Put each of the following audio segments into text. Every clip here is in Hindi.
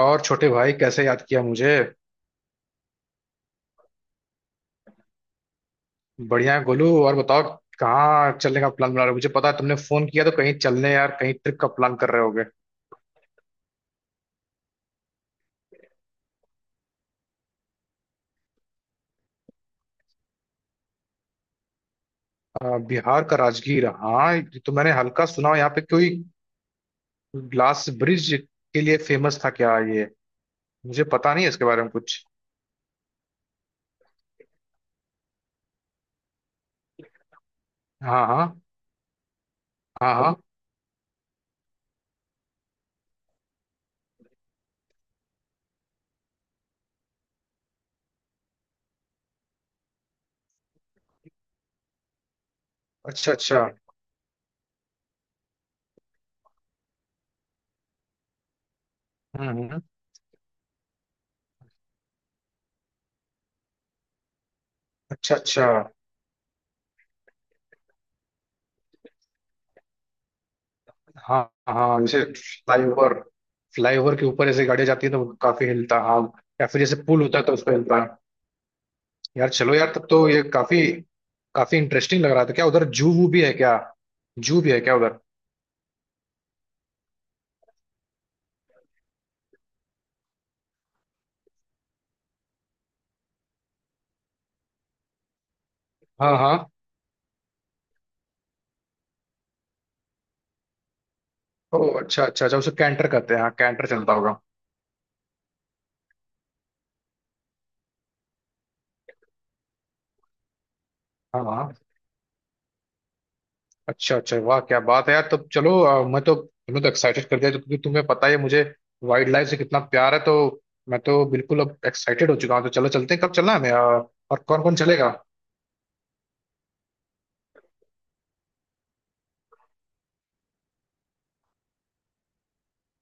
और छोटे भाई कैसे याद किया मुझे। बढ़िया है गोलू, और बताओ, कहाँ चलने का प्लान बना रहे हो? मुझे पता है तुमने फोन किया तो कहीं चलने, यार कहीं ट्रिप का प्लान कर रहे होगे। बिहार का राजगीर, हाँ ये तो मैंने हल्का सुना हो, यहाँ पे कोई ग्लास ब्रिज के लिए फेमस था क्या ये? मुझे पता नहीं है इसके बारे में कुछ। हाँ हाँ। हाँ हाँ। अच्छा अच्छा। हम्म हम्म, अच्छा अच्छा। हाँ हाँ, जैसे फ्लाईओवर फ्लाईओवर के ऊपर जैसे गाड़ी जाती है तो काफी हिलता, हाँ। या फिर जैसे पुल होता है तो उस पर हिलता। यार चलो यार, तब तो ये काफी काफी इंटरेस्टिंग लग रहा था। क्या उधर जू वू भी है क्या? जू भी है क्या उधर? हाँ हाँ। ओ अच्छा अच्छा अच्छा, उसे कैंटर कहते हैं, हाँ कैंटर चलता होगा। हाँ हाँ। अच्छा अच्छा, वाह क्या बात है यार, तब चलो। मैं तो, तुम्हें तो एक्साइटेड कर दिया, क्योंकि तुम्हें पता ही है मुझे वाइल्ड लाइफ से कितना प्यार है। तो मैं तो बिल्कुल अब एक्साइटेड हो चुका हूँ, तो चलो चलते हैं। कब चलना है हमें, और कौन कौन चलेगा?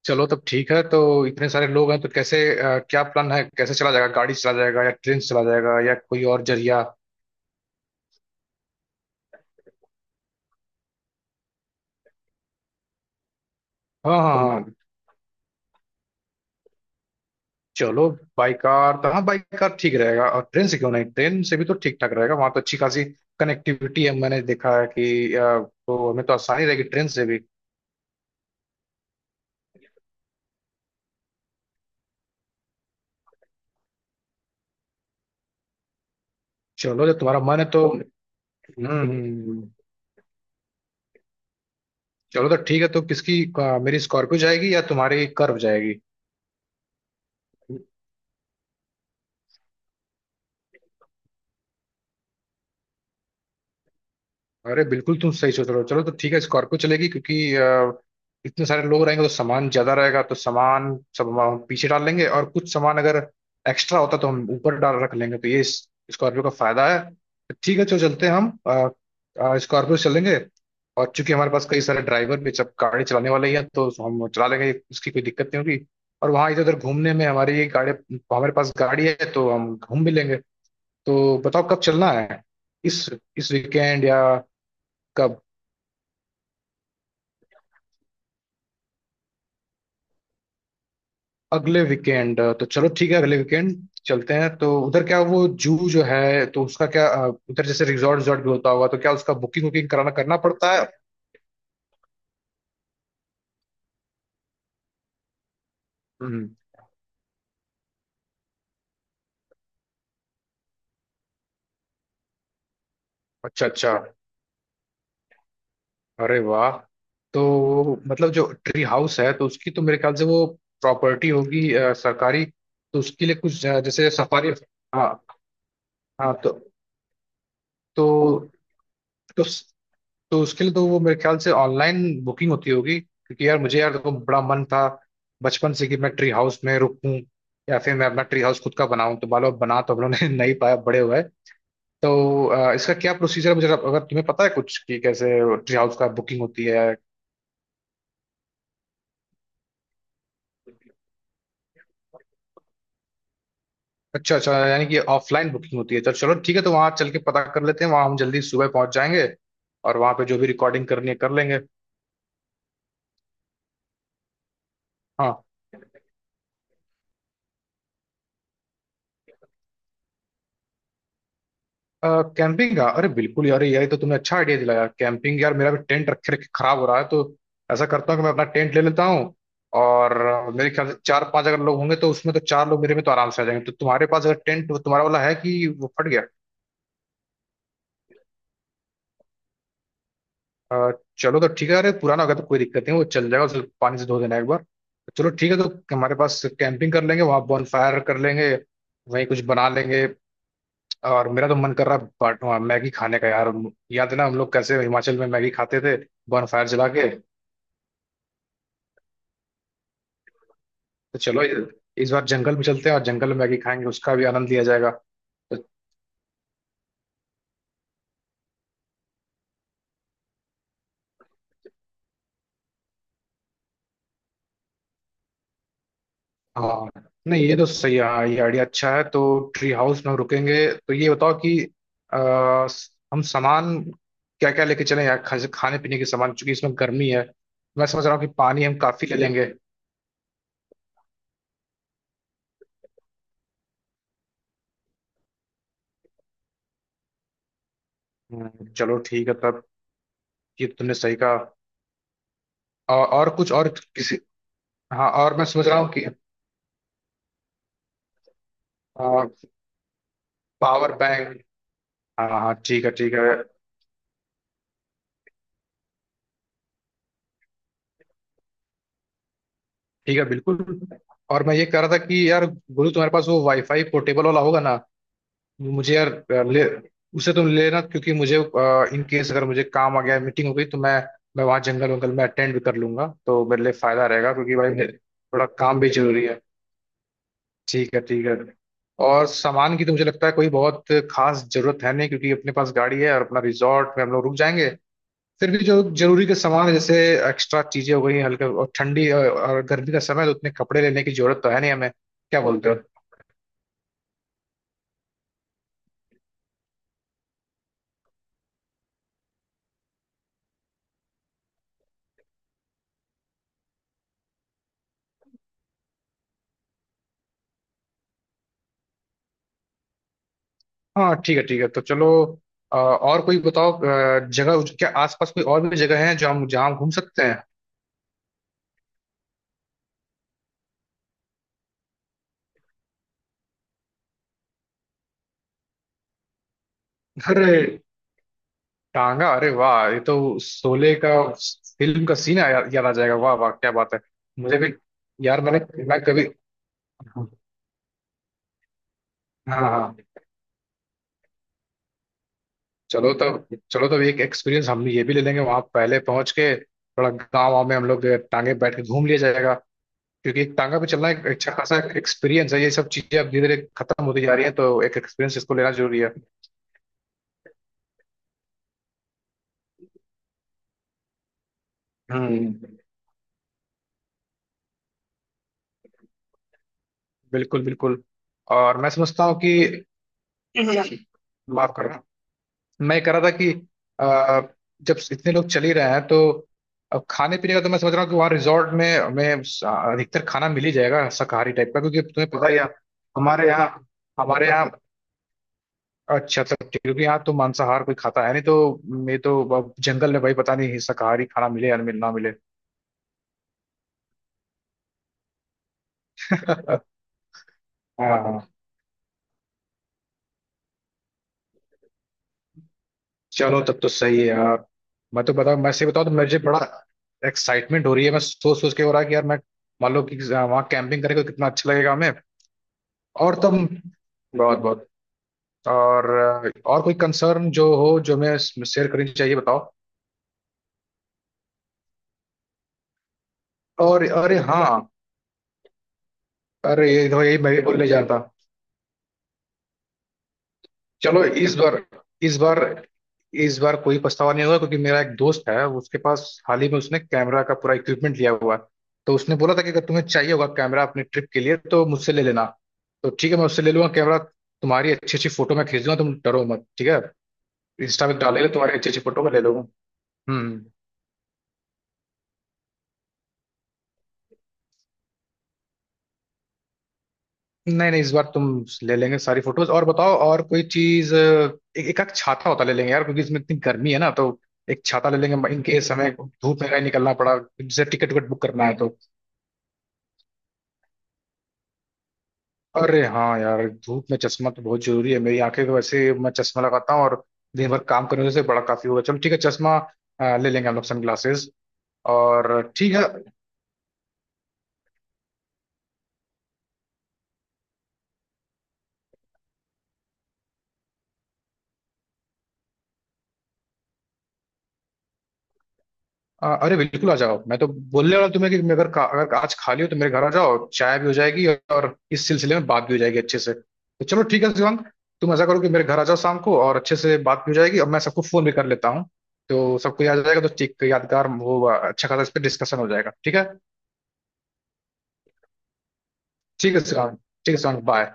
चलो तब ठीक है। तो इतने सारे लोग हैं तो कैसे, क्या प्लान है? कैसे चला जाएगा, गाड़ी से चला जाएगा या ट्रेन से चला जाएगा या कोई और जरिया? हाँ हाँ हाँ। चलो, बाई कार तो, हाँ बाई कार ठीक रहेगा। और ट्रेन से क्यों नहीं? ट्रेन से भी तो ठीक ठाक रहेगा, वहां तो अच्छी खासी कनेक्टिविटी है, मैंने देखा है कि तो हमें तो आसानी रहेगी ट्रेन से भी। चलो जब तुम्हारा मन है तो, हम्म। हम्म। हम्म। चलो तो ठीक है। तो किसकी, मेरी स्कॉर्पियो जाएगी या तुम्हारी कर्व जाएगी? अरे बिल्कुल, तुम सही सोच रहे हो, चलो तो ठीक है, स्कॉर्पियो चलेगी। क्योंकि इतने सारे लोग रहेंगे तो सामान ज्यादा रहेगा, तो सामान सब हम पीछे डाल लेंगे, और कुछ सामान अगर एक्स्ट्रा होता तो हम ऊपर डाल रख लेंगे, तो ये स्कॉर्पियो का फायदा है। तो ठीक है, चलो चलते हैं हम, स्कॉर्पियो से चलेंगे। और चूंकि हमारे पास कई सारे ड्राइवर भी, सब गाड़ी चलाने वाले ही हैं, तो हम चला लेंगे, इसकी कोई दिक्कत नहीं होगी। और वहाँ इधर उधर घूमने में हमारी गाड़ी, हमारे पास गाड़ी है तो हम घूम भी लेंगे तो। बताओ कब चलना है, इस इस वीकेंड या कब? अगले वीकेंड, तो चलो ठीक है, अगले वीकेंड चलते हैं। तो उधर क्या वो जू जो है, तो उसका क्या, उधर जैसे रिजॉर्ट, रिजॉर्ट भी होता होगा, तो क्या उसका बुकिंग वुकिंग कराना करना पड़ता है? हम्म, अच्छा अच्छा, अरे वाह। तो मतलब जो ट्री हाउस है, तो उसकी तो मेरे ख्याल से वो प्रॉपर्टी होगी, सरकारी। तो उसके लिए कुछ, जैसे सफारी। हाँ हाँ। तो तो, तो, तो उसके लिए तो वो मेरे ख्याल से ऑनलाइन बुकिंग होती होगी। क्योंकि यार मुझे, यार देखो, बड़ा मन था बचपन से कि मैं ट्री हाउस में रुकूं, या फिर मैं अपना ट्री हाउस खुद का बनाऊं। तो बालो बना तो हम लोगों ने नहीं पाया, बड़े हुए। तो इसका क्या प्रोसीजर है, मुझे अगर तुम्हें पता है कुछ कि कैसे ट्री हाउस का बुकिंग होती है? अच्छा अच्छा, यानी कि ऑफलाइन बुकिंग होती है, तो चलो ठीक है, तो वहाँ चल के पता कर लेते हैं, वहाँ हम जल्दी सुबह पहुंच जाएंगे और वहाँ पे जो भी रिकॉर्डिंग करनी है कर लेंगे। हाँ। कैंपिंग का, अरे बिल्कुल यार, ये तो तुमने अच्छा आइडिया दिलाया, कैंपिंग। यार मेरा भी टेंट रखे रखे खराब हो रहा है, तो ऐसा करता हूँ कि मैं अपना टेंट ले लेता हूँ। और मेरे ख्याल से चार पांच अगर लोग होंगे तो उसमें तो चार लोग मेरे में तो आराम से आ जाएंगे। तो तुम्हारे पास अगर टेंट, तुम्हारा वाला है कि वो फट गया? चलो तो ठीक है, अरे पुराना होगा तो कोई दिक्कत नहीं, वो चल जाएगा, उसे पानी से धो देना एक बार। तो चलो ठीक है, तो हमारे पास कैंपिंग कर लेंगे, वहाँ बॉनफायर कर लेंगे, वहीं कुछ बना लेंगे। और मेरा तो मन कर रहा है मैगी खाने का यार। याद है ना हम लोग कैसे हिमाचल में मैगी खाते थे, बॉनफायर जला के। तो चलो इस बार जंगल में चलते हैं, और जंगल में मैगी खाएंगे, उसका भी आनंद लिया जाएगा तो। हाँ। नहीं ये तो सही है, हाँ ये आइडिया अच्छा है। तो ट्री हाउस में हम रुकेंगे, तो ये बताओ कि हम सामान क्या क्या लेके चलें यार? खाने पीने के सामान, चूंकि इसमें गर्मी है, मैं समझ रहा हूँ कि पानी हम काफी ले लेंगे। चलो ठीक है तब, ये तो तुमने सही कहा। और, कुछ और किसी। हाँ, और मैं समझ रहा हूँ कि पावर बैंक, हाँ हाँ ठीक है ठीक है। ठीक है बिल्कुल। और मैं ये कह रहा था कि यार गुरु, तुम्हारे पास वो वाईफाई पोर्टेबल वाला होगा ना, मुझे यार, अ, ले उसे तुम लेना। क्योंकि मुझे, इन केस अगर मुझे काम आ गया, मीटिंग हो गई, तो मैं वहाँ जंगल वंगल में अटेंड भी कर लूंगा, तो मेरे लिए फायदा रहेगा, क्योंकि भाई मेरे थोड़ा काम भी जरूरी है। ठीक है ठीक है। और सामान की तो मुझे लगता है कोई बहुत खास जरूरत है नहीं, क्योंकि अपने पास गाड़ी है, और अपना रिजॉर्ट में हम लोग रुक जाएंगे। फिर भी जो जरूरी के सामान है, जैसे एक्स्ट्रा चीजें हो गई हैं, हल्का, और ठंडी, और गर्मी का समय है, तो उतने कपड़े लेने की जरूरत तो है नहीं हमें। क्या बोलते हो? हाँ ठीक है ठीक है। तो चलो, और कोई बताओ जगह, क्या आसपास कोई और भी जगह है जो हम, जहाँ हम घूम सकते हैं? अरे टांगा, अरे वाह ये तो शोले का, फिल्म का सीन याद याद आ जाएगा, वाह वाह क्या बात है। मुझे भी यार, मैं कभी, हाँ हाँ। चलो तब, एक एक्सपीरियंस हम ये भी ले लेंगे, वहां पहले पहुंच के थोड़ा गाँव वाँव में हम लोग टांगे पे बैठ के घूम लिया जाएगा। क्योंकि एक टांगा पे चलना एक अच्छा खासा एक्सपीरियंस है, ये सब चीजें अब धीरे धीरे खत्म होती जा रही है, तो एक एक्सपीरियंस इसको लेना जरूरी है। हम्म। बिल्कुल बिल्कुल। और मैं समझता हूँ कि, माफ करना, मैं कह रहा था कि आ, जब इतने लोग चल ही रहे हैं, तो अब खाने पीने का तो मैं समझ रहा हूँ कि वहाँ रिजॉर्ट में हमें अधिकतर खाना मिल ही जाएगा, शाकाहारी टाइप का, क्योंकि तुम्हें पता ही है हमारे यहाँ हमारे यहाँ। अच्छा तो ठीक है, क्योंकि यहाँ तो मांसाहार कोई खाता है नहीं, तो मैं तो अब जंगल में भाई पता नहीं शाकाहारी खाना मिले या ना मिले। हाँ। चलो तब तो सही है यार। मैं से बताऊँ तो, मुझे बड़ा एक्साइटमेंट हो रही है, मैं सोच सोच के हो रहा है कि यार मैं, मान लो कि, हाँ, वहाँ कैंपिंग करके कितना अच्छा लगेगा हमें। और तुम, बहुत बहुत। और, कोई कंसर्न जो हो जो मैं शेयर करनी चाहिए बताओ। और अरे हाँ, अरे ये तो यही मैं भी बोलने जाता। चलो इस बार इस बार कोई पछतावा नहीं होगा, क्योंकि मेरा एक दोस्त है, उसके पास हाल ही में उसने कैमरा का पूरा इक्विपमेंट लिया हुआ है। तो उसने बोला था कि अगर तुम्हें चाहिए होगा कैमरा अपने ट्रिप के लिए तो मुझसे ले लेना। तो ठीक है, मैं उससे ले लूंगा कैमरा, तुम्हारी अच्छी अच्छी फोटो मैं खींच दूंगा, तुम डरो मत, ठीक है। इंस्टा पे डालेगा, तुम्हारी अच्छी अच्छी फोटो मैं ले लूंगा। हम्म। नहीं नहीं, इस बार तुम ले लेंगे सारी फोटोज। और बताओ और कोई चीज, एक एक आध छाता होता ले लेंगे यार, क्योंकि इसमें इतनी गर्मी है ना, तो एक छाता ले लेंगे, इनके समय धूप में कहीं निकलना पड़ा। जैसे टिकट विकट बुक करना है तो, अरे हाँ यार, धूप में चश्मा तो बहुत जरूरी है, मेरी आंखें तो वैसे मैं चश्मा लगाता हूँ और दिन भर काम करने से बड़ा काफी होगा, चलो ठीक है, चश्मा ले लेंगे हम लोग, सन ग्लासेस। और ठीक है। अरे बिल्कुल आ जाओ, मैं तो बोलने वाला तुम्हें कि अगर अगर आज खाली हो तो मेरे घर आ जाओ, चाय भी हो जाएगी और इस सिलसिले में बात भी हो जाएगी अच्छे से। तो चलो ठीक है शिवांग, तुम ऐसा करो कि मेरे घर आ जाओ शाम को, और अच्छे से बात भी हो जाएगी, और मैं सबको फोन भी कर लेता हूँ, तो सबको याद आ जाएगा, तो ठीक यादगार वो अच्छा खासा इस पर डिस्कशन हो जाएगा, ठीक है। ठीक है शिवांग, ठीक है शिवांग, बाय।